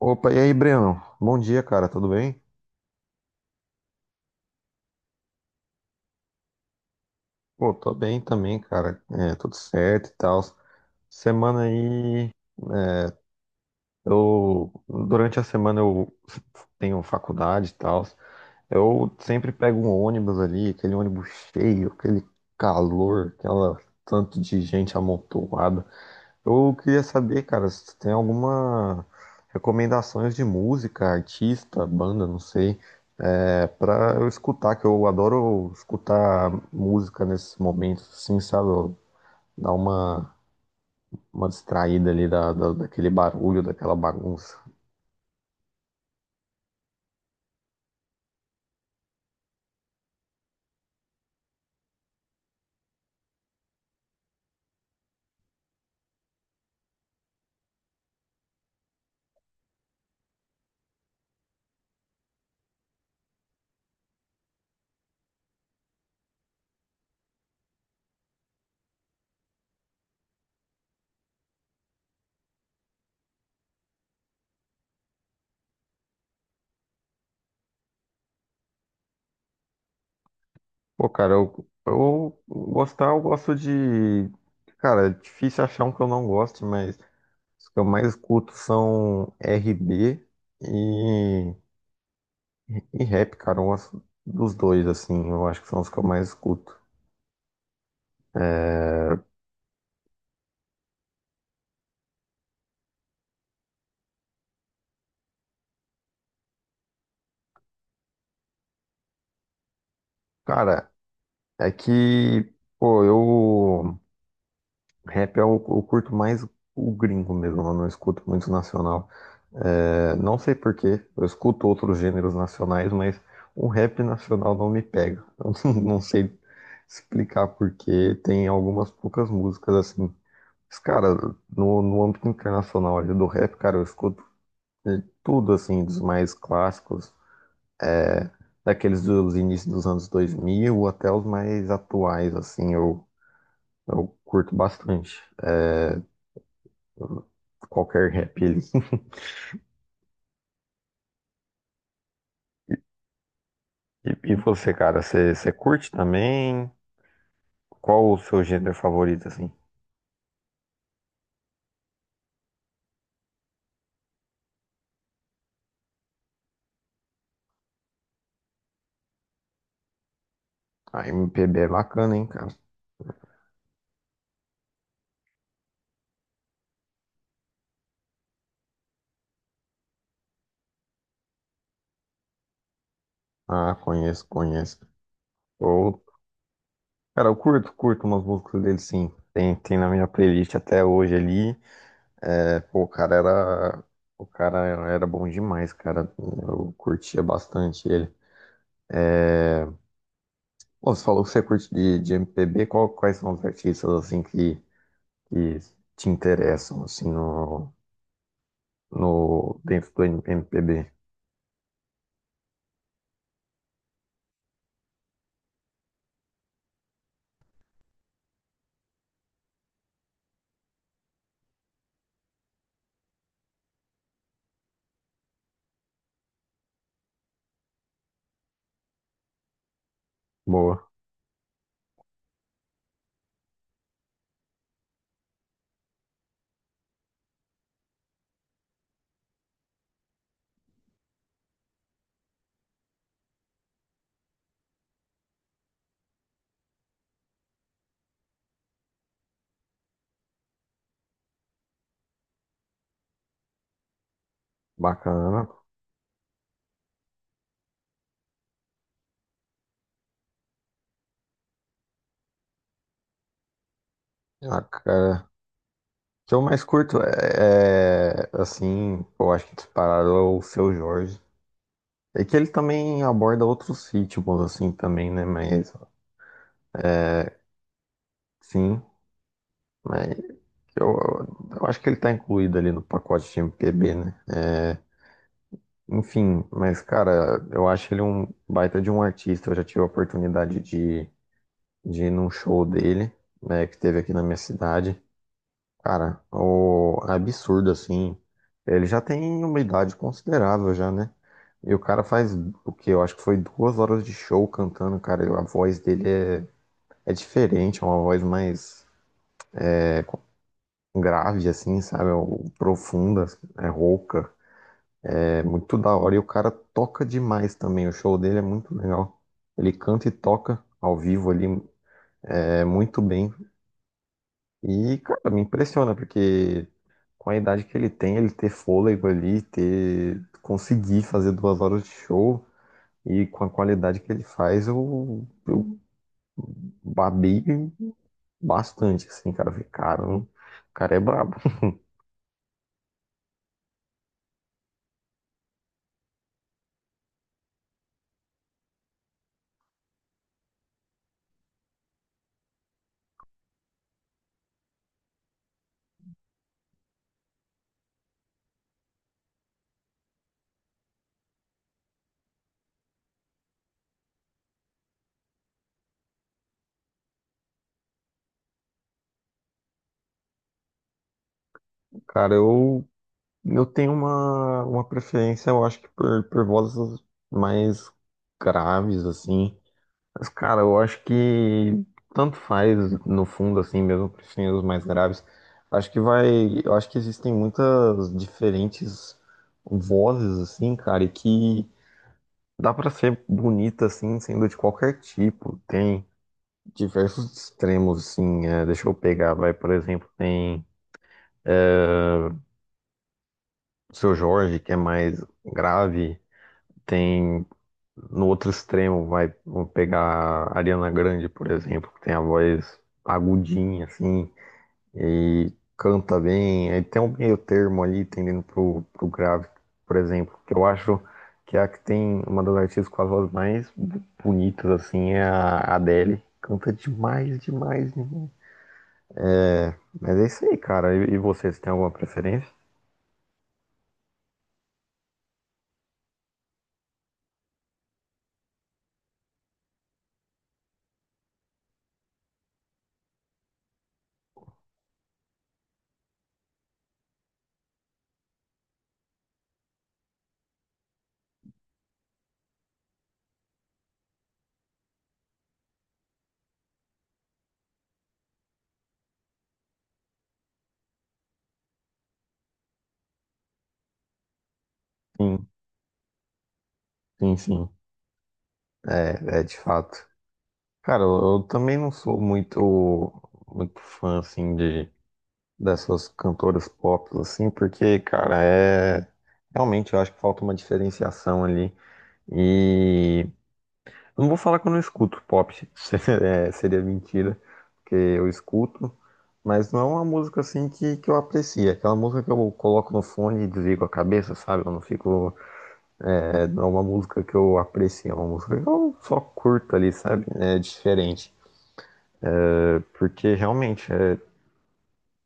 Opa, e aí, Breno? Bom dia, cara, tudo bem? Pô, tô bem também, cara, é, tudo certo e tal. Semana aí, eu, durante a semana eu tenho faculdade e tal. Eu sempre pego um ônibus ali, aquele ônibus cheio, aquele calor, aquela tanto de gente amontoada. Eu queria saber, cara, se tu tem alguma recomendações de música, artista, banda, não sei, é, pra eu escutar, que eu adoro escutar música nesses momentos, assim, sabe? Eu dar uma distraída ali daquele barulho, daquela bagunça. Pô, cara, eu gostar, eu gosto de. Cara, é difícil achar um que eu não goste, mas os que eu mais escuto são RB e. E rap, cara, dos dois, assim, eu acho que são os que eu mais escuto. Cara, é que, pô, eu. Rap é o, eu curto mais o gringo mesmo, eu não escuto muito nacional. É, não sei por quê, eu escuto outros gêneros nacionais, mas o rap nacional não me pega. Eu não sei explicar por quê, tem algumas poucas músicas assim. Mas, cara, no âmbito internacional ali do rap, cara, eu escuto de tudo, assim, dos mais clássicos, daqueles dos inícios dos anos 2000 até os mais atuais, assim, eu curto bastante qualquer rap ali. E, e você, cara, você curte também? Qual o seu gênero favorito, assim? A MPB é bacana, hein, cara? Ah, conheço, conheço. Eu, cara, eu curto, curto umas músicas dele, sim. Tem, tem na minha playlist até hoje ali. É, pô, o cara era bom demais, cara. Eu curtia bastante ele. Bom, você falou que você curte de MPB, qual- quais são os artistas assim que te interessam assim no, no dentro do MPB? Boa, bacana. Ah, cara, o que eu mais curto é, é, assim, eu acho que disparado é o Seu Jorge. É que ele também aborda outros ritmos assim também, né? Mas sim, mas eu, eu acho que ele tá incluído ali no pacote de MPB, né? É, enfim, mas cara, eu acho ele um baita de um artista. Eu já tive a oportunidade de ir num show dele, né, que teve aqui na minha cidade. Cara, o absurdo assim. Ele já tem uma idade considerável já, né? E o cara faz o que eu acho que foi 2 horas de show cantando, cara. E a voz dele é, é diferente, é uma voz mais grave assim, sabe? É profunda, é rouca. É muito da hora e o cara toca demais também. O show dele é muito legal. Ele canta e toca ao vivo ali é, muito bem. E, cara, me impressiona, porque com a idade que ele tem, ele ter fôlego ali, ter conseguir fazer 2 horas de show e com a qualidade que ele faz, eu babei bastante, assim, cara. Eu falei, cara, o cara é brabo. Cara, eu tenho uma preferência, eu acho que por vozes mais graves, assim. Mas, cara, eu acho que tanto faz, no fundo, assim, mesmo preferindo os mais graves. Acho que vai. Eu acho que existem muitas diferentes vozes, assim, cara, e que dá pra ser bonita, assim, sendo de qualquer tipo. Tem diversos extremos, assim. É, deixa eu pegar, vai, por exemplo, tem o Seu Jorge, que é mais grave. Tem. No outro extremo, vai, vamos pegar a Ariana Grande, por exemplo, que tem a voz agudinha, assim, e canta bem. Aí tem um meio termo ali, tendendo pro grave, por exemplo, que eu acho que é a que tem uma das artistas com as vozes mais bonitas, assim, é a Adele. Canta demais, demais, demais. Mas é isso aí, cara. E você, você tem alguma preferência? Sim, sim, sim. É, é de fato. Cara, eu, eu também não sou muito fã, assim, de dessas cantoras pop, assim, porque, cara, é. Realmente eu acho que falta uma diferenciação ali. E eu não vou falar que eu não escuto pop, é, seria mentira, porque eu escuto, mas não é uma música assim que eu aprecio. É aquela música que eu coloco no fone e desligo a cabeça, sabe? Eu não fico. É, não é uma música que eu aprecio, é uma música que eu só curto ali, sabe? É diferente. Porque realmente. É,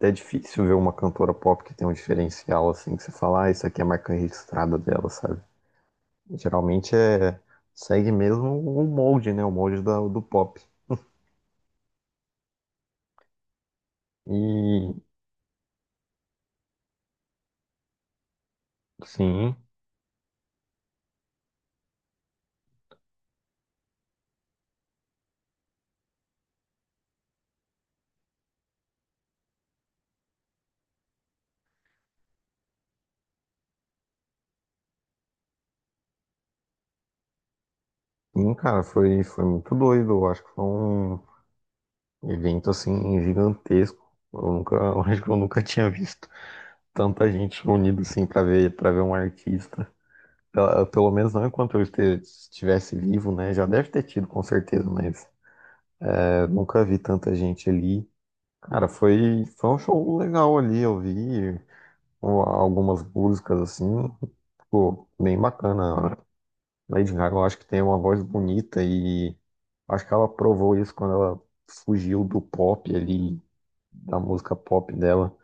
é difícil ver uma cantora pop que tem um diferencial assim, que você fala, ah, isso aqui é a marca registrada dela, sabe? Geralmente é segue mesmo o molde, né? O molde do pop. E sim, sim, cara, foi, foi muito doido. Eu acho que foi um evento assim gigantesco. Eu nunca, eu acho que eu nunca tinha visto tanta gente reunida assim para ver um artista. Pelo menos não enquanto eu estivesse vivo, né? Já deve ter tido, com certeza, mas eu nunca vi tanta gente ali. Cara, foi, foi um show legal ali, eu vi algumas músicas assim, ficou bem bacana. A Lady Gaga, eu acho que tem uma voz bonita e acho que ela provou isso quando ela fugiu do pop ali, da música pop dela.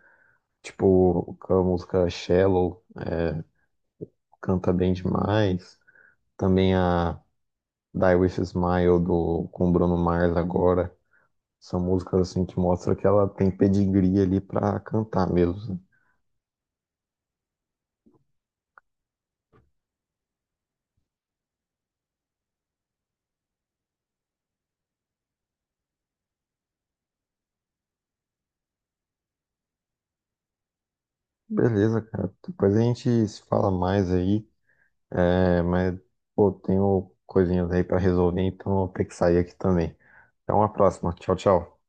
Tipo, com a música Shallow canta bem demais. Também a Die With a Smile do, com o Bruno Mars agora. São músicas assim que mostram que ela tem pedigree ali pra cantar mesmo. Beleza, cara. Depois a gente se fala mais aí. É, mas, pô, tenho coisinhas aí pra resolver, então eu vou ter que sair aqui também. Até uma próxima. Tchau, tchau.